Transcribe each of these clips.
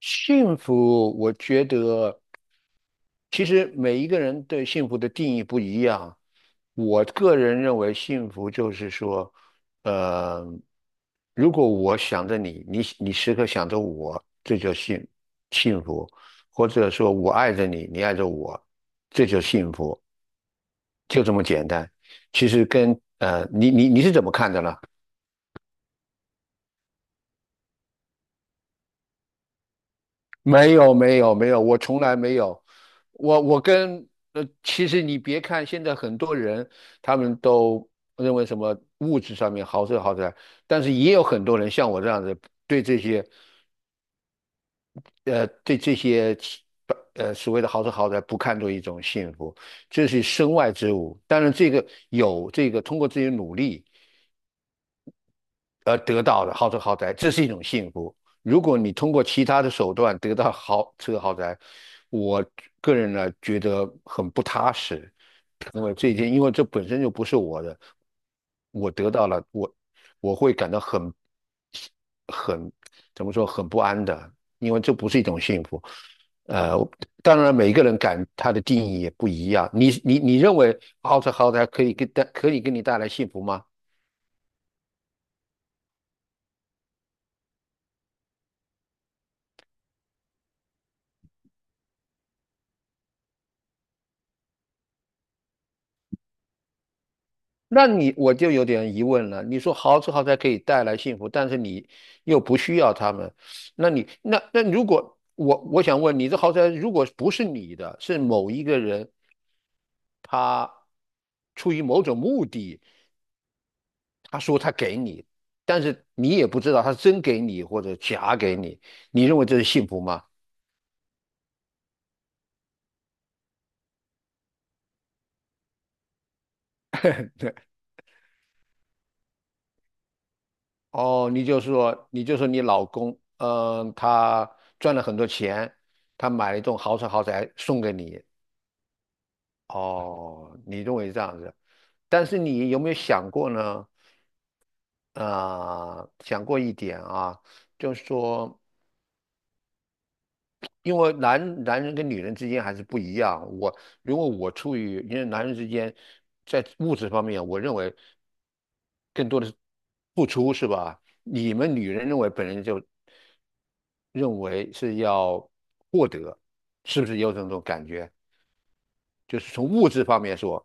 幸福，我觉得其实每一个人对幸福的定义不一样。我个人认为，幸福就是说，呃，如果我想着你，你时刻想着我，这叫幸福；或者说我爱着你，你爱着我，这就幸福，就这么简单。其实跟你是怎么看的呢？没有没有没有，我从来没有。我我跟呃，其实你别看现在很多人他们都认为什么物质上面豪车豪宅，但是也有很多人像我这样子，对这些呃对这些其呃所谓的豪车豪宅不看作一种幸福，这是身外之物。当然这个有这个通过自己的努力。而得到的豪车豪宅，这是一种幸福。如果你通过其他的手段得到豪车豪宅，我个人呢觉得很不踏实，因为这一天，因为这本身就不是我的，我得到了，我会感到很怎么说很不安的，因为这不是一种幸福。呃，当然每个人感他的定义也不一样。你认为豪车豪宅可以给你带来幸福吗？那你我就有点疑问了。你说豪车豪宅可以带来幸福，但是你又不需要他们，那你那那如果我想问你，这豪宅如果不是你的，是某一个人他出于某种目的，他说他给你，但是你也不知道他真给你或者假给你，你认为这是幸福吗？哦，你就说你老公，嗯、他赚了很多钱，他买了一栋豪车豪宅送给你，哦，你认为这样子，但是你有没有想过呢？啊、想过一点啊，就是说，因为男人跟女人之间还是不一样。如果我处于，因为男人之间在物质方面，我认为更多的是付出，是吧？你们女人认为本人就认为是要获得，是不是有这种感觉？就是从物质方面说。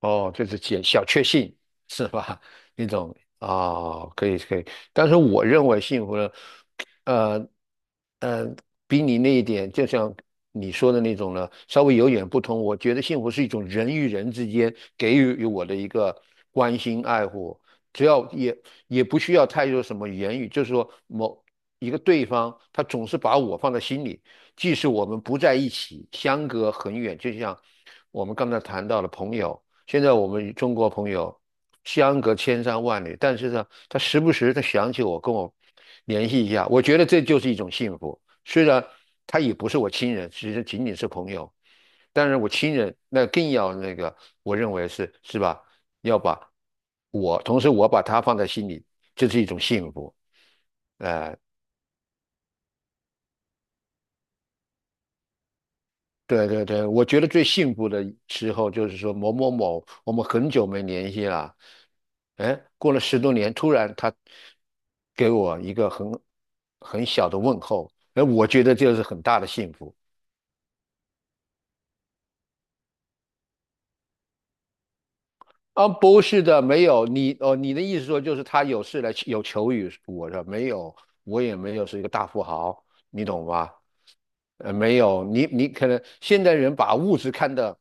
哦，就是解小确幸是吧？那种啊，可以可以，但是我认为幸福呢，呃呃，比你那一点，就像你说的那种呢，稍微有点不同。我觉得幸福是一种人与人之间给予我的一个关心爱护，只要也也不需要太多什么言语，就是说某一个对方他总是把我放在心里，即使我们不在一起，相隔很远，就像我们刚才谈到的朋友。现在我们中国朋友相隔千山万里，但是呢，他时不时他想起我，跟我联系一下，我觉得这就是一种幸福。虽然他也不是我亲人，其实仅仅是朋友，但是我亲人那更要那个，我认为是是吧？要把我，同时我把他放在心里，这是一种幸福。哎、对对对，我觉得最幸福的时候就是说某某某，我们很久没联系了，哎，过了十多年，突然他给我一个很小的问候，哎，我觉得这是很大的幸福。啊，不是的，没有你哦，你的意思说就是他有事来有求于我的，没有，我也没有是一个大富豪，你懂吧？没有，你你可能现代人把物质看得，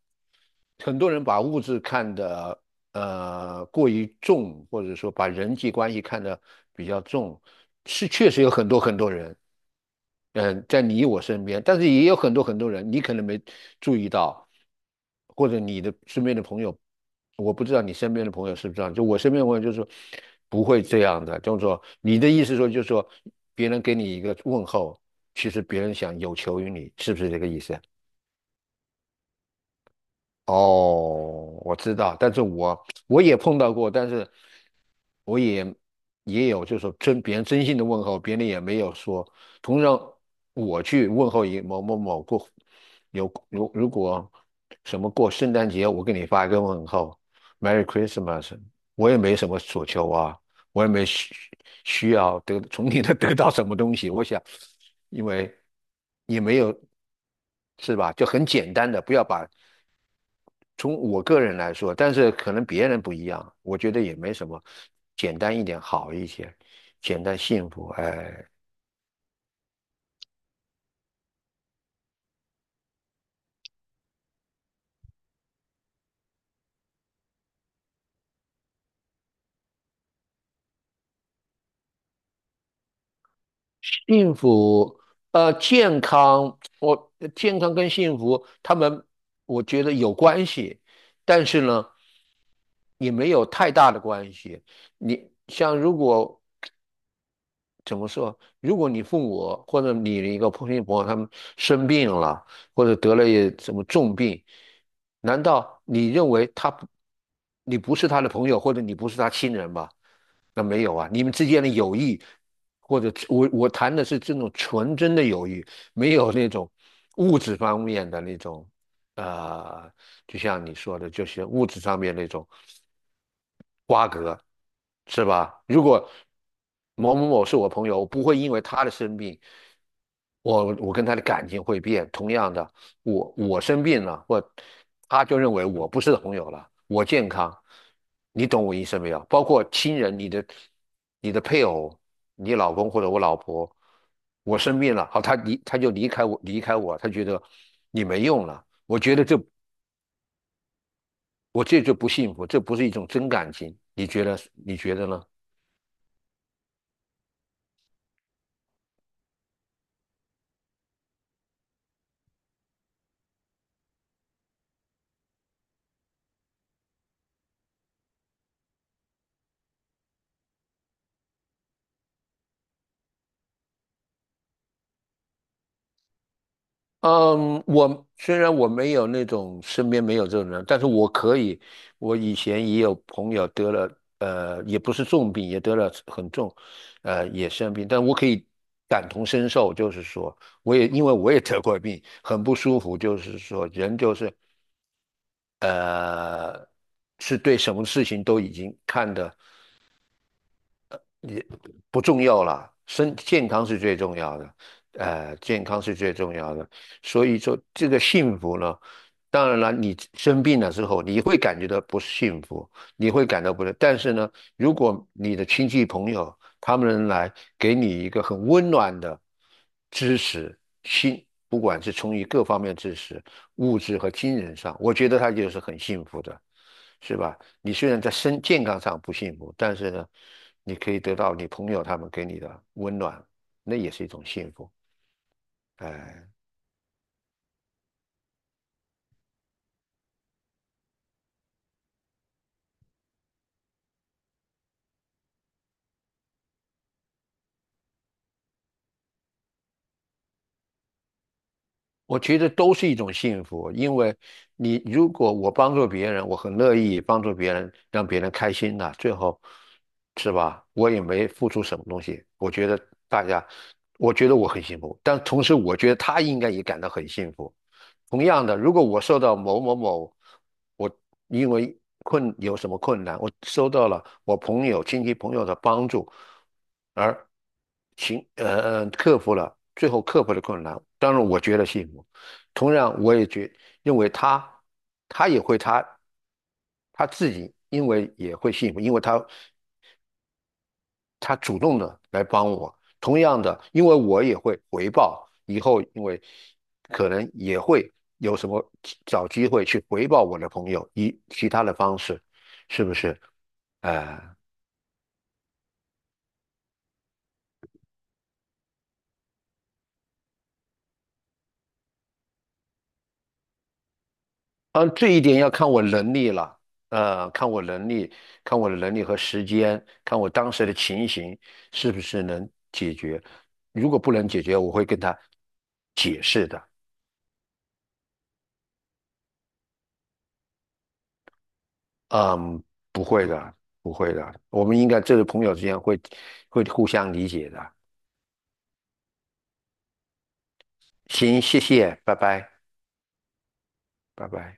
很多人把物质看得过于重，或者说把人际关系看得比较重，是确实有很多很多人，嗯，在你我身边，但是也有很多很多人，你可能没注意到，或者你的身边的朋友，我不知道你身边的朋友是不是这样，就我身边的朋友就是说不会这样的，就是说你的意思说就是说别人给你一个问候，其实别人想有求于你，是不是这个意思啊？哦，我知道，但是我也碰到过，但是我也也有，就是说真别人真心的问候，别人也没有说。同样，我去问候一某某某过，如果什么过圣诞节，我给你发一个问候，Merry Christmas,我也没什么所求啊，我也没需要得从你那得到什么东西，我想，因为也没有。是吧？就很简单的，不要把从我个人来说，但是可能别人不一样，我觉得也没什么，简单一点好一些，简单幸福，哎，幸福，健康，我健康跟幸福，他们我觉得有关系，但是呢，也没有太大的关系。你像如果怎么说？如果你父母或者你的一个朋友他们生病了，或者得了一什么重病，难道你认为他不，你不是他的朋友，或者你不是他亲人吗？那没有啊，你们之间的友谊，或者我谈的是这种纯真的友谊，没有那种物质方面的那种，呃，就像你说的，就是物质上面那种瓜葛，是吧？如果某某某是我朋友，我不会因为他的生病，我跟他的感情会变。同样的，我生病了，或他就认为我不是朋友了，我健康，你懂我意思没有？包括亲人，你的配偶，你老公或者我老婆，我生病了，好，他就离开我，离开我，他觉得你没用了。我觉得我这就不幸福，这不是一种真感情，你觉得呢？嗯，虽然我没有那种身边没有这种人，但是我可以，我以前也有朋友得了，也不是重病，也得了很重，也生病，但我可以感同身受，就是说，我也因为我也得过病，很不舒服，就是说，人就是，呃，是对什么事情都已经看得不重要啦，身健康是最重要的，健康是最重要的。所以说，这个幸福呢，当然了，你生病了之后，你会感觉到不幸福，你会感到不是。但是呢，如果你的亲戚朋友他们来给你一个很温暖的支持，心，不管是从于各方面支持，物质和精神上，我觉得他就是很幸福的，是吧？你虽然在身健康上不幸福，但是呢，你可以得到你朋友他们给你的温暖，那也是一种幸福。哎。我觉得都是一种幸福，因为如果我帮助别人，我很乐意帮助别人，让别人开心的，最后是吧？我也没付出什么东西，我觉得大家，我觉得我很幸福，但同时我觉得他应该也感到很幸福。同样的，如果我受到某某某，我因为有什么困难，我收到了我朋友、亲戚朋友的帮助，而行呃呃克服了最后克服了困难，当然我觉得幸福。同样，我也觉认为他他也会他他自己因为也会幸福，因为他他主动的来帮我。同样的，因为我也会回报，以后因为可能也会有什么找机会去回报我的朋友，以其他的方式，是不是？哎、嗯，这一点要看我能力了，看我能力，看我的能力和时间，看我当时的情形是不是能解决。如果不能解决，我会跟他解释的。嗯，不会的，不会的，我们应该这个朋友之间会互相理解的。行，谢谢，拜拜，拜拜。